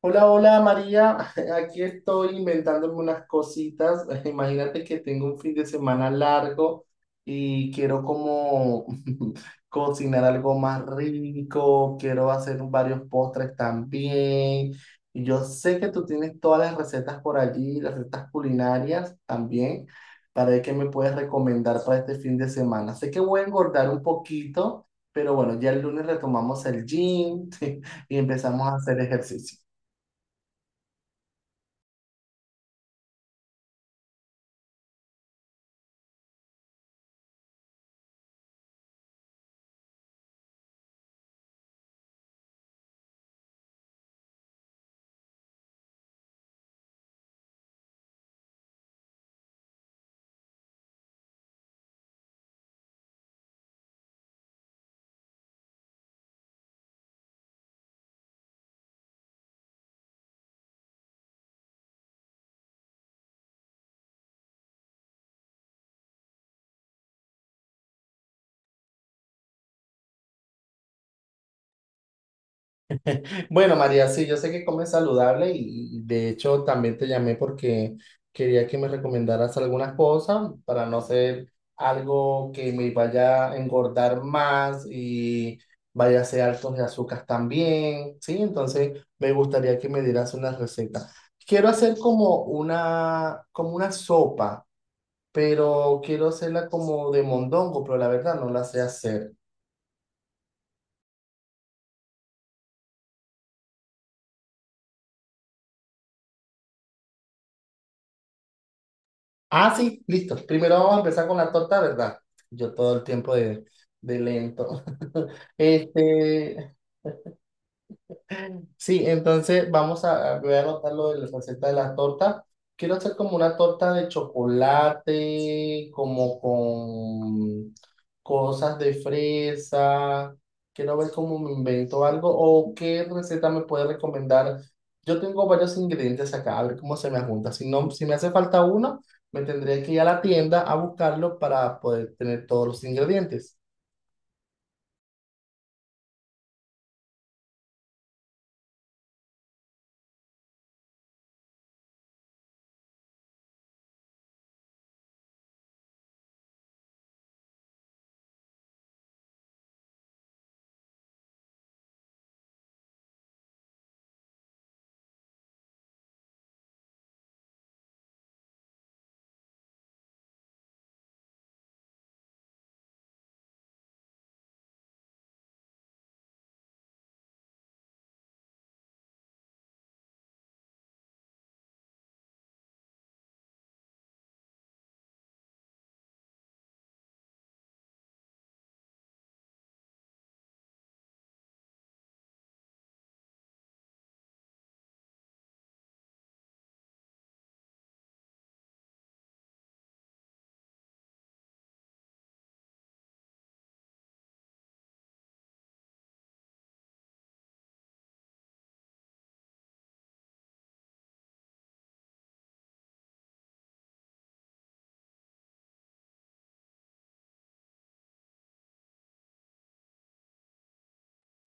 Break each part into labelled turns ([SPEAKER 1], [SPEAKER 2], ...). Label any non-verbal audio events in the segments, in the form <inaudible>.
[SPEAKER 1] Hola, hola María, <laughs> aquí estoy inventándome unas cositas. <laughs> Imagínate que tengo un fin de semana largo y quiero como <laughs> cocinar algo más rico, quiero hacer varios postres también. Yo sé que tú tienes todas las recetas por allí, las recetas culinarias también, para ver qué me puedes recomendar para este fin de semana. Sé que voy a engordar un poquito, pero bueno, ya el lunes retomamos el gym <laughs> y empezamos a hacer ejercicio. Bueno, María, sí, yo sé que comes saludable y de hecho también te llamé porque quería que me recomendaras algunas cosas para no ser algo que me vaya a engordar más y vaya a ser alto de azúcar también, ¿sí? Entonces me gustaría que me dieras unas recetas. Quiero hacer como una sopa, pero quiero hacerla como de mondongo, pero la verdad no la sé hacer. Ah, sí, listo. Primero vamos a empezar con la torta, ¿verdad? Yo todo el tiempo de lento. Este, Sí, entonces voy a anotar lo de la receta de la torta. Quiero hacer como una torta de chocolate, como con cosas de fresa. Quiero ver cómo me invento algo o qué receta me puede recomendar. Yo tengo varios ingredientes acá, a ver cómo se me junta. Si no, si me hace falta uno, me tendría que ir a la tienda a buscarlo para poder tener todos los ingredientes.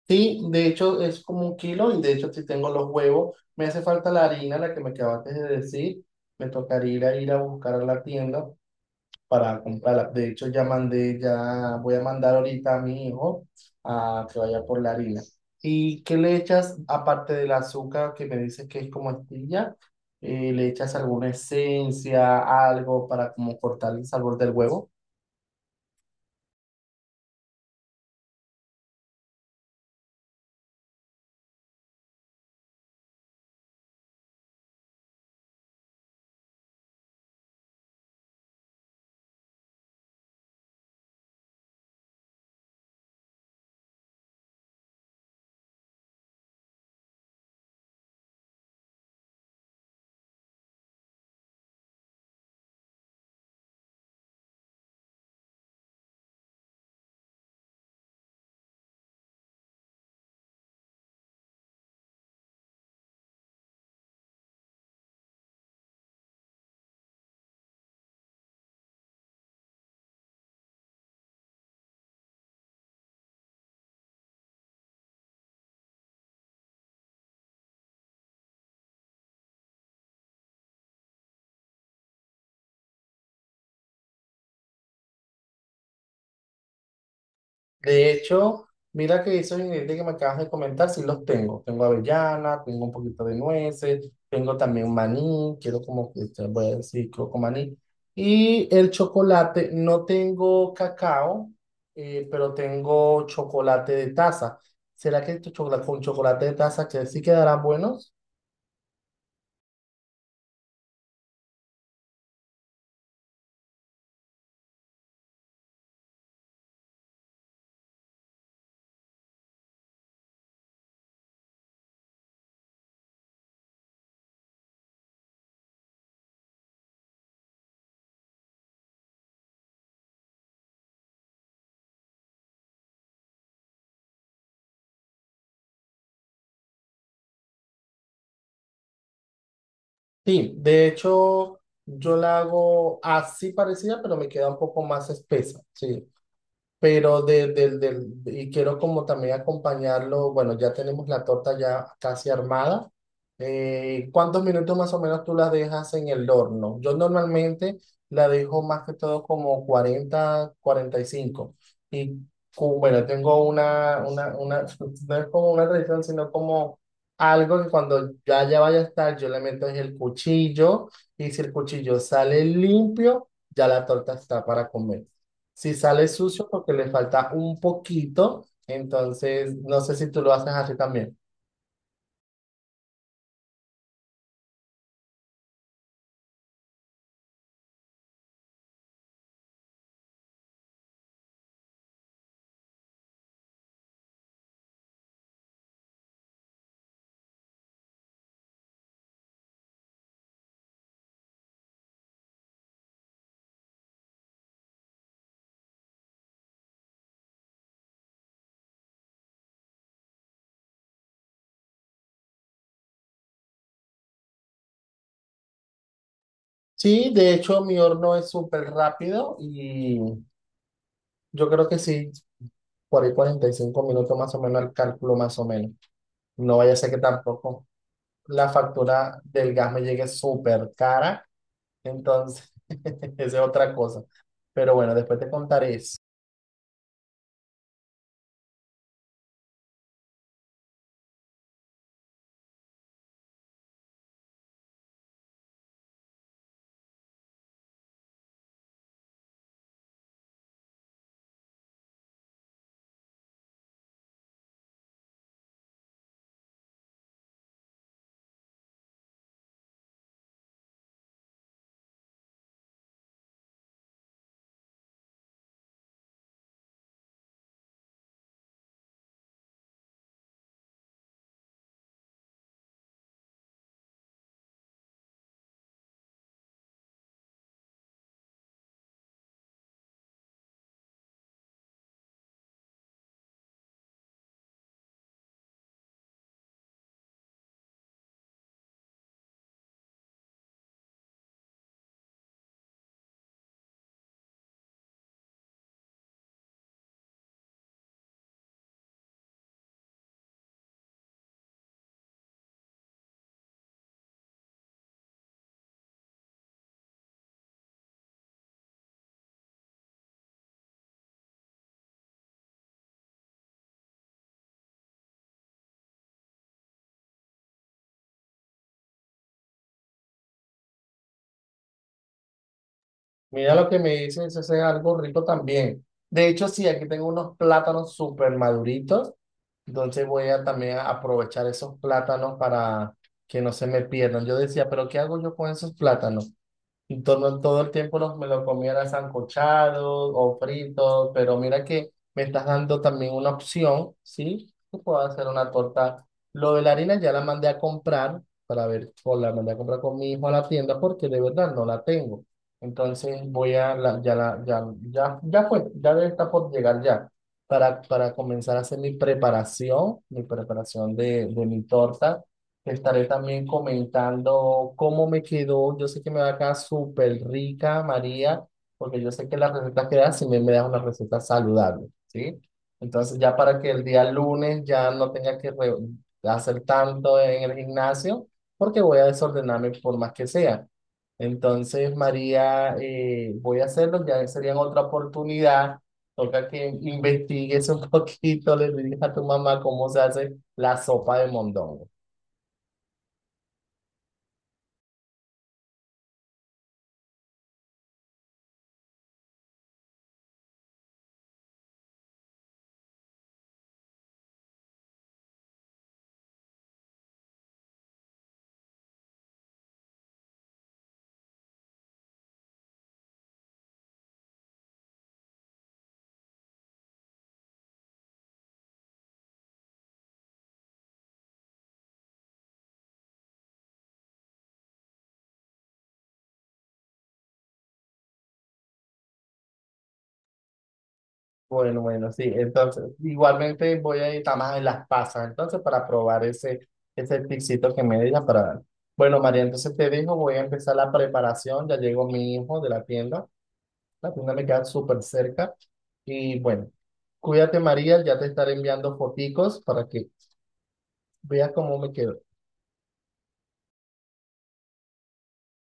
[SPEAKER 1] Sí, de hecho es como un kilo y de hecho si tengo los huevos, me hace falta la harina, la que me acabaste de decir, me tocaría ir a buscar a la tienda para comprarla. De hecho ya mandé, Ya voy a mandar ahorita a mi hijo a que vaya por la harina. ¿Y qué le echas aparte del azúcar que me dices que es como estilla? ¿Le echas alguna esencia, algo para como cortar el sabor del huevo? De hecho, mira que esos ingredientes que me acabas de comentar, sí los tengo. Tengo avellana, tengo un poquito de nueces, tengo también maní, quiero como que te voy a decir, quiero con maní. Y el chocolate, no tengo cacao, pero tengo chocolate de taza. ¿Será que tu chocolate con chocolate de taza que sí quedarán buenos? Sí, de hecho, yo la hago así parecida, pero me queda un poco más espesa. Sí. Pero y quiero como también acompañarlo, bueno, ya tenemos la torta ya casi armada. ¿Cuántos minutos más o menos tú la dejas en el horno? Yo normalmente la dejo más que todo como 40, 45. Y cinco. Y bueno, tengo una <laughs> no es como una tradición, sino como algo que cuando ya vaya a estar, yo le meto es el cuchillo y si el cuchillo sale limpio, ya la torta está para comer. Si sale sucio porque le falta un poquito, entonces no sé si tú lo haces así también. Sí, de hecho mi horno es súper rápido y yo creo que sí, por ahí 45 minutos más o menos el cálculo más o menos. No vaya a ser que tampoco la factura del gas me llegue súper cara, entonces <laughs> esa es otra cosa. Pero bueno, después te contaré eso. Mira lo que me dices, eso es algo rico también. De hecho, sí, aquí tengo unos plátanos súper maduritos. Entonces voy a también a aprovechar esos plátanos para que no se me pierdan. Yo decía, pero ¿qué hago yo con esos plátanos? Todo el tiempo me lo comiera sancochado o frito, pero mira que me estás dando también una opción, ¿sí? Que puedo hacer una torta. Lo de la harina ya la mandé a comprar, para ver, o la mandé a comprar con mi hijo a la tienda porque de verdad no la tengo. Entonces voy a, la, ya, la, ya, ya, ya fue, ya debe estar por llegar ya. Para comenzar a hacer mi preparación de mi torta. Te Estaré también comentando cómo me quedó. Yo sé que me va a quedar súper rica, María, porque yo sé que las recetas que das, si me, me das una receta saludable, ¿sí? Entonces ya para que el día lunes ya no tenga que hacer tanto en el gimnasio, porque voy a desordenarme por más que sea. Entonces, María, voy a hacerlo, ya sería en otra oportunidad. Toca que investigues un <laughs> poquito, le digas a tu mamá cómo se hace la sopa de mondongo. Bueno, bueno, sí. Entonces, igualmente voy a ir a más en las pasas, entonces, para probar ese, ese tipcito que me diga para dar. Bueno, María, entonces te digo, voy a empezar la preparación. Ya llegó mi hijo de la tienda. La tienda me queda súper cerca. Y bueno, cuídate, María. Ya te estaré enviando foticos para que veas cómo me quedo.